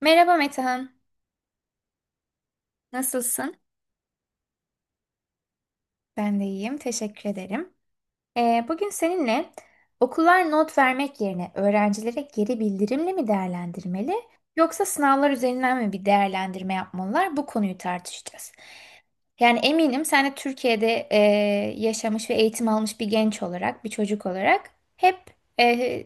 Merhaba Metehan, nasılsın? Ben de iyiyim, teşekkür ederim. Bugün seninle okullar not vermek yerine öğrencilere geri bildirimle mi değerlendirmeli yoksa sınavlar üzerinden mi bir değerlendirme yapmalılar? Bu konuyu tartışacağız. Yani eminim sen de Türkiye'de yaşamış ve eğitim almış bir genç olarak, bir çocuk olarak hep e,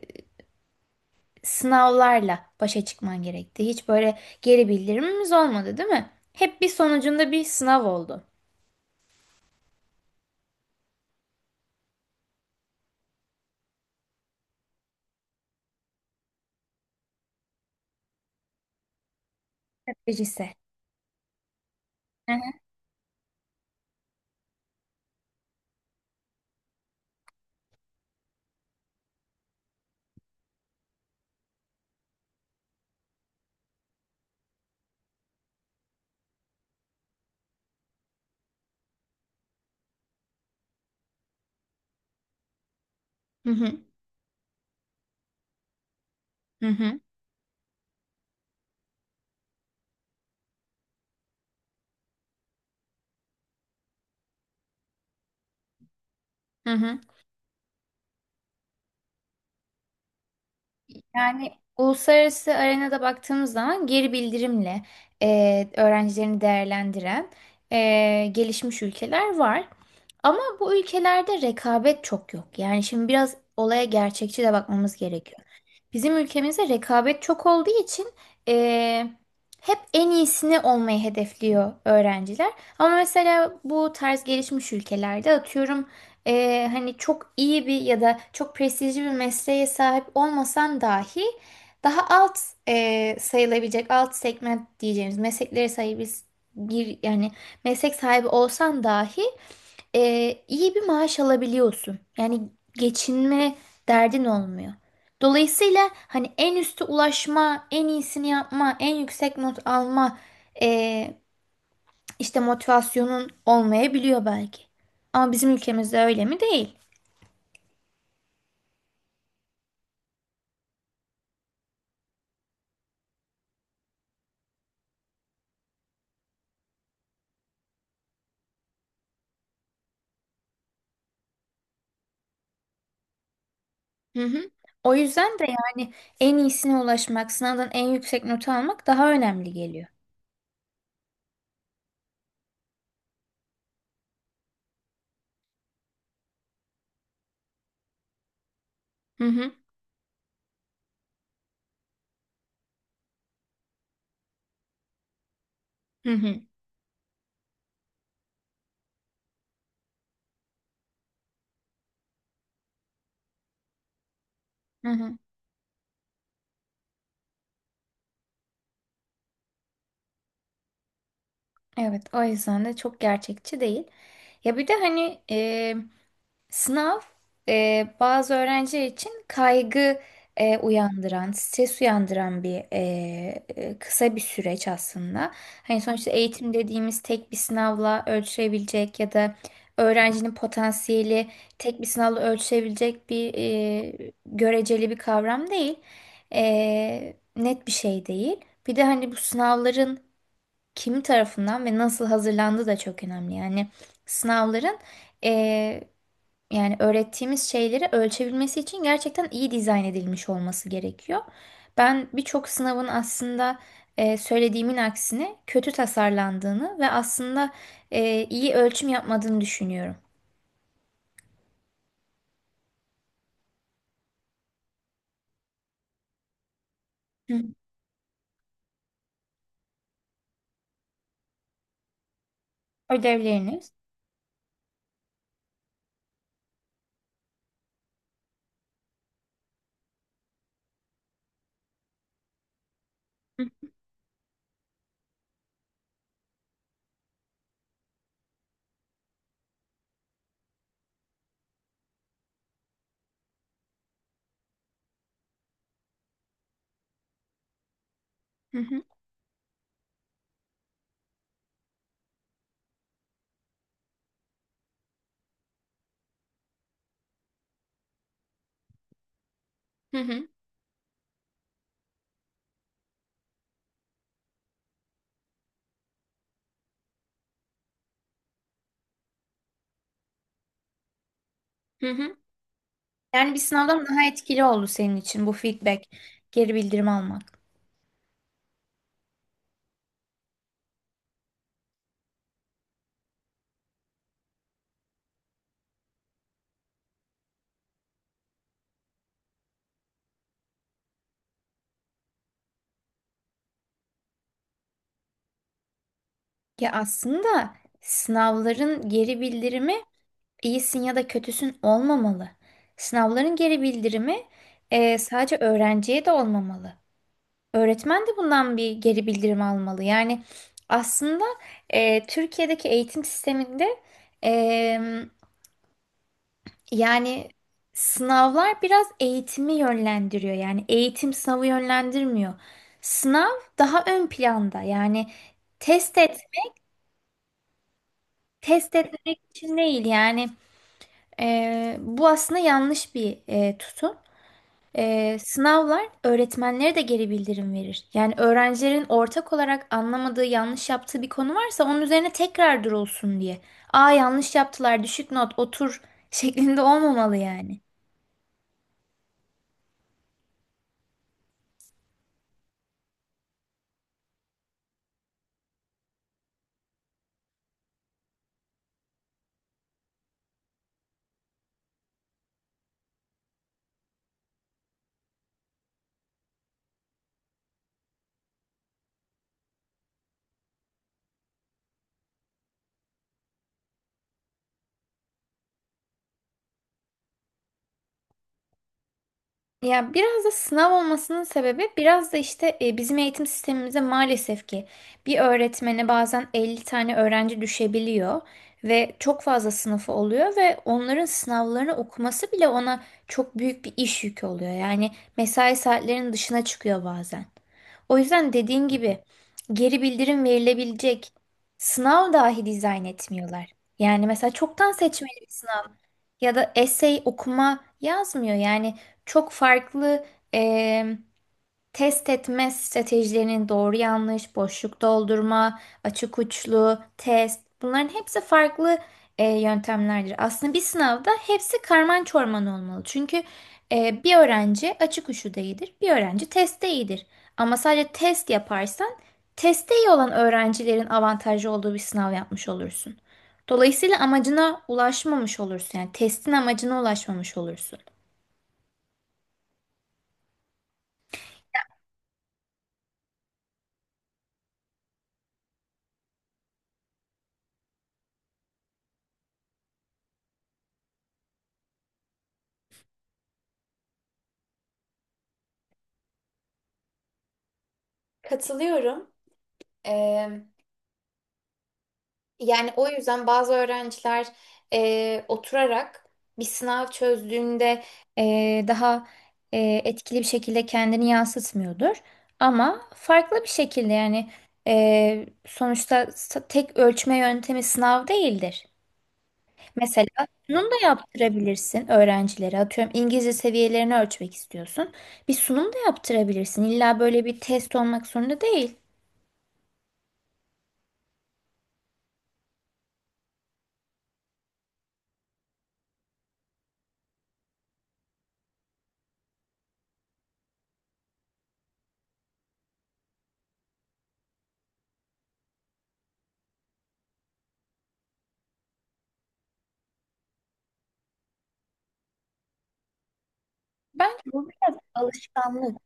sınavlarla başa çıkman gerekti. Hiç böyle geri bildirimimiz olmadı, değil mi? Hep bir sonucunda bir sınav oldu. Stratejisi. Hı. Hı hı. Hı hı. Hı hı, hı. Yani uluslararası arenada baktığımız zaman geri bildirimle öğrencilerini değerlendiren gelişmiş ülkeler var. Ama bu ülkelerde rekabet çok yok. Yani şimdi biraz olaya gerçekçi de bakmamız gerekiyor. Bizim ülkemizde rekabet çok olduğu için eee, hep en iyisini olmayı hedefliyor öğrenciler. Ama mesela bu tarz gelişmiş ülkelerde atıyorum hani çok iyi bir ya da çok prestijli bir mesleğe sahip olmasan dahi daha alt sayılabilecek alt segment diyeceğimiz mesleklere sahibiz bir yani meslek sahibi olsan dahi iyi bir maaş alabiliyorsun. Yani geçinme derdin olmuyor. Dolayısıyla hani en üste ulaşma, en iyisini yapma, en yüksek not alma e, işte motivasyonun olmayabiliyor belki. Ama bizim ülkemizde öyle mi? Değil. Hı hı. O yüzden de yani en iyisine ulaşmak, sınavdan en yüksek notu almak daha önemli geliyor. Hı hı. Hı hı. Hı hı. Evet, o yüzden de çok gerçekçi değil. Ya bir de hani sınav bazı öğrenci için kaygı uyandıran, stres uyandıran bir kısa bir süreç aslında. Hani sonuçta eğitim dediğimiz tek bir sınavla ölçülebilecek ya da öğrencinin potansiyeli tek bir sınavla ölçülebilecek bir göreceli bir kavram değil. Net bir şey değil. Bir de hani bu sınavların kim tarafından ve nasıl hazırlandığı da çok önemli. Yani sınavların eee, yani öğrettiğimiz şeyleri ölçebilmesi için gerçekten iyi dizayn edilmiş olması gerekiyor. Ben birçok sınavın aslında söylediğimin aksine kötü tasarlandığını ve aslında iyi ölçüm yapmadığını düşünüyorum. Hı. Ödevleriniz. Hı hı, hı hı. Hı hı. Yani bir sınavdan daha etkili oldu senin için bu feedback, geri bildirim almak. Ya aslında sınavların geri bildirimi iyisin ya da kötüsün olmamalı. Sınavların geri bildirimi sadece öğrenciye de olmamalı. Öğretmen de bundan bir geri bildirim almalı. Yani aslında Türkiye'deki eğitim sisteminde e, yani sınavlar biraz eğitimi yönlendiriyor. Yani eğitim sınavı yönlendirmiyor. Sınav daha ön planda. Yani test et, test etmek için değil yani. Bu aslında yanlış bir tutum. Sınavlar öğretmenlere de geri bildirim verir. Yani öğrencilerin ortak olarak anlamadığı, yanlış yaptığı bir konu varsa onun üzerine tekrar durulsun diye. Aa yanlış yaptılar, düşük not, otur şeklinde olmamalı yani. Ya biraz da sınav olmasının sebebi biraz da işte bizim eğitim sistemimize maalesef ki bir öğretmene bazen 50 tane öğrenci düşebiliyor ve çok fazla sınıfı oluyor ve onların sınavlarını okuması bile ona çok büyük bir iş yükü oluyor. Yani mesai saatlerinin dışına çıkıyor bazen. O yüzden dediğin gibi geri bildirim verilebilecek sınav dahi dizayn etmiyorlar. Yani mesela çoktan seçmeli ya da essay okuma yazmıyor. Yani çok farklı em, test etme stratejilerinin doğru yanlış, boşluk doldurma, açık uçlu, test bunların hepsi farklı yöntemlerdir. Aslında bir sınavda hepsi karman çorman olmalı. Çünkü bir öğrenci açık uçlu değildir, bir öğrenci testte iyidir. Ama sadece test yaparsan testte iyi olan öğrencilerin avantajlı olduğu bir sınav yapmış olursun. Dolayısıyla amacına ulaşmamış olursun. Yani testin amacına ulaşmamış olursun. Katılıyorum. Ee, Yani o yüzden bazı öğrenciler oturarak bir sınav çözdüğünde daha e, etkili bir şekilde kendini yansıtmıyordur. Ama farklı bir şekilde yani sonuçta tek ölçme yöntemi sınav değildir. Mesela sunum da yaptırabilirsin öğrencilere. Atıyorum İngilizce seviyelerini ölçmek istiyorsun. Bir sunum da yaptırabilirsin. İlla böyle bir test olmak zorunda değil. Bence bu biraz alışkanlık.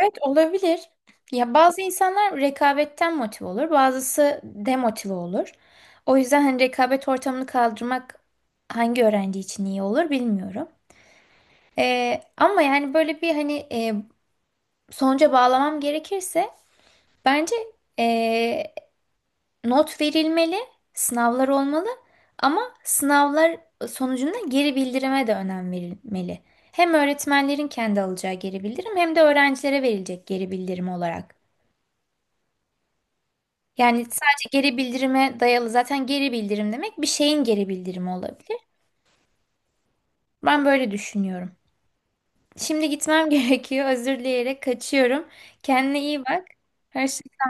Evet, olabilir. Ya bazı insanlar rekabetten motive olur, bazısı demotive olur. O yüzden hani rekabet ortamını kaldırmak hangi öğrenci için iyi olur bilmiyorum. Ama yani böyle bir hani sonuca bağlamam gerekirse bence e, not verilmeli, sınavlar olmalı ama sınavlar sonucunda geri bildirime de önem verilmeli. Hem öğretmenlerin kendi alacağı geri bildirim hem de öğrencilere verilecek geri bildirim olarak. Yani sadece geri bildirime dayalı zaten geri bildirim demek bir şeyin geri bildirimi olabilir. Ben böyle düşünüyorum. Şimdi gitmem gerekiyor. Özür dileyerek kaçıyorum. Kendine iyi bak. Hoşça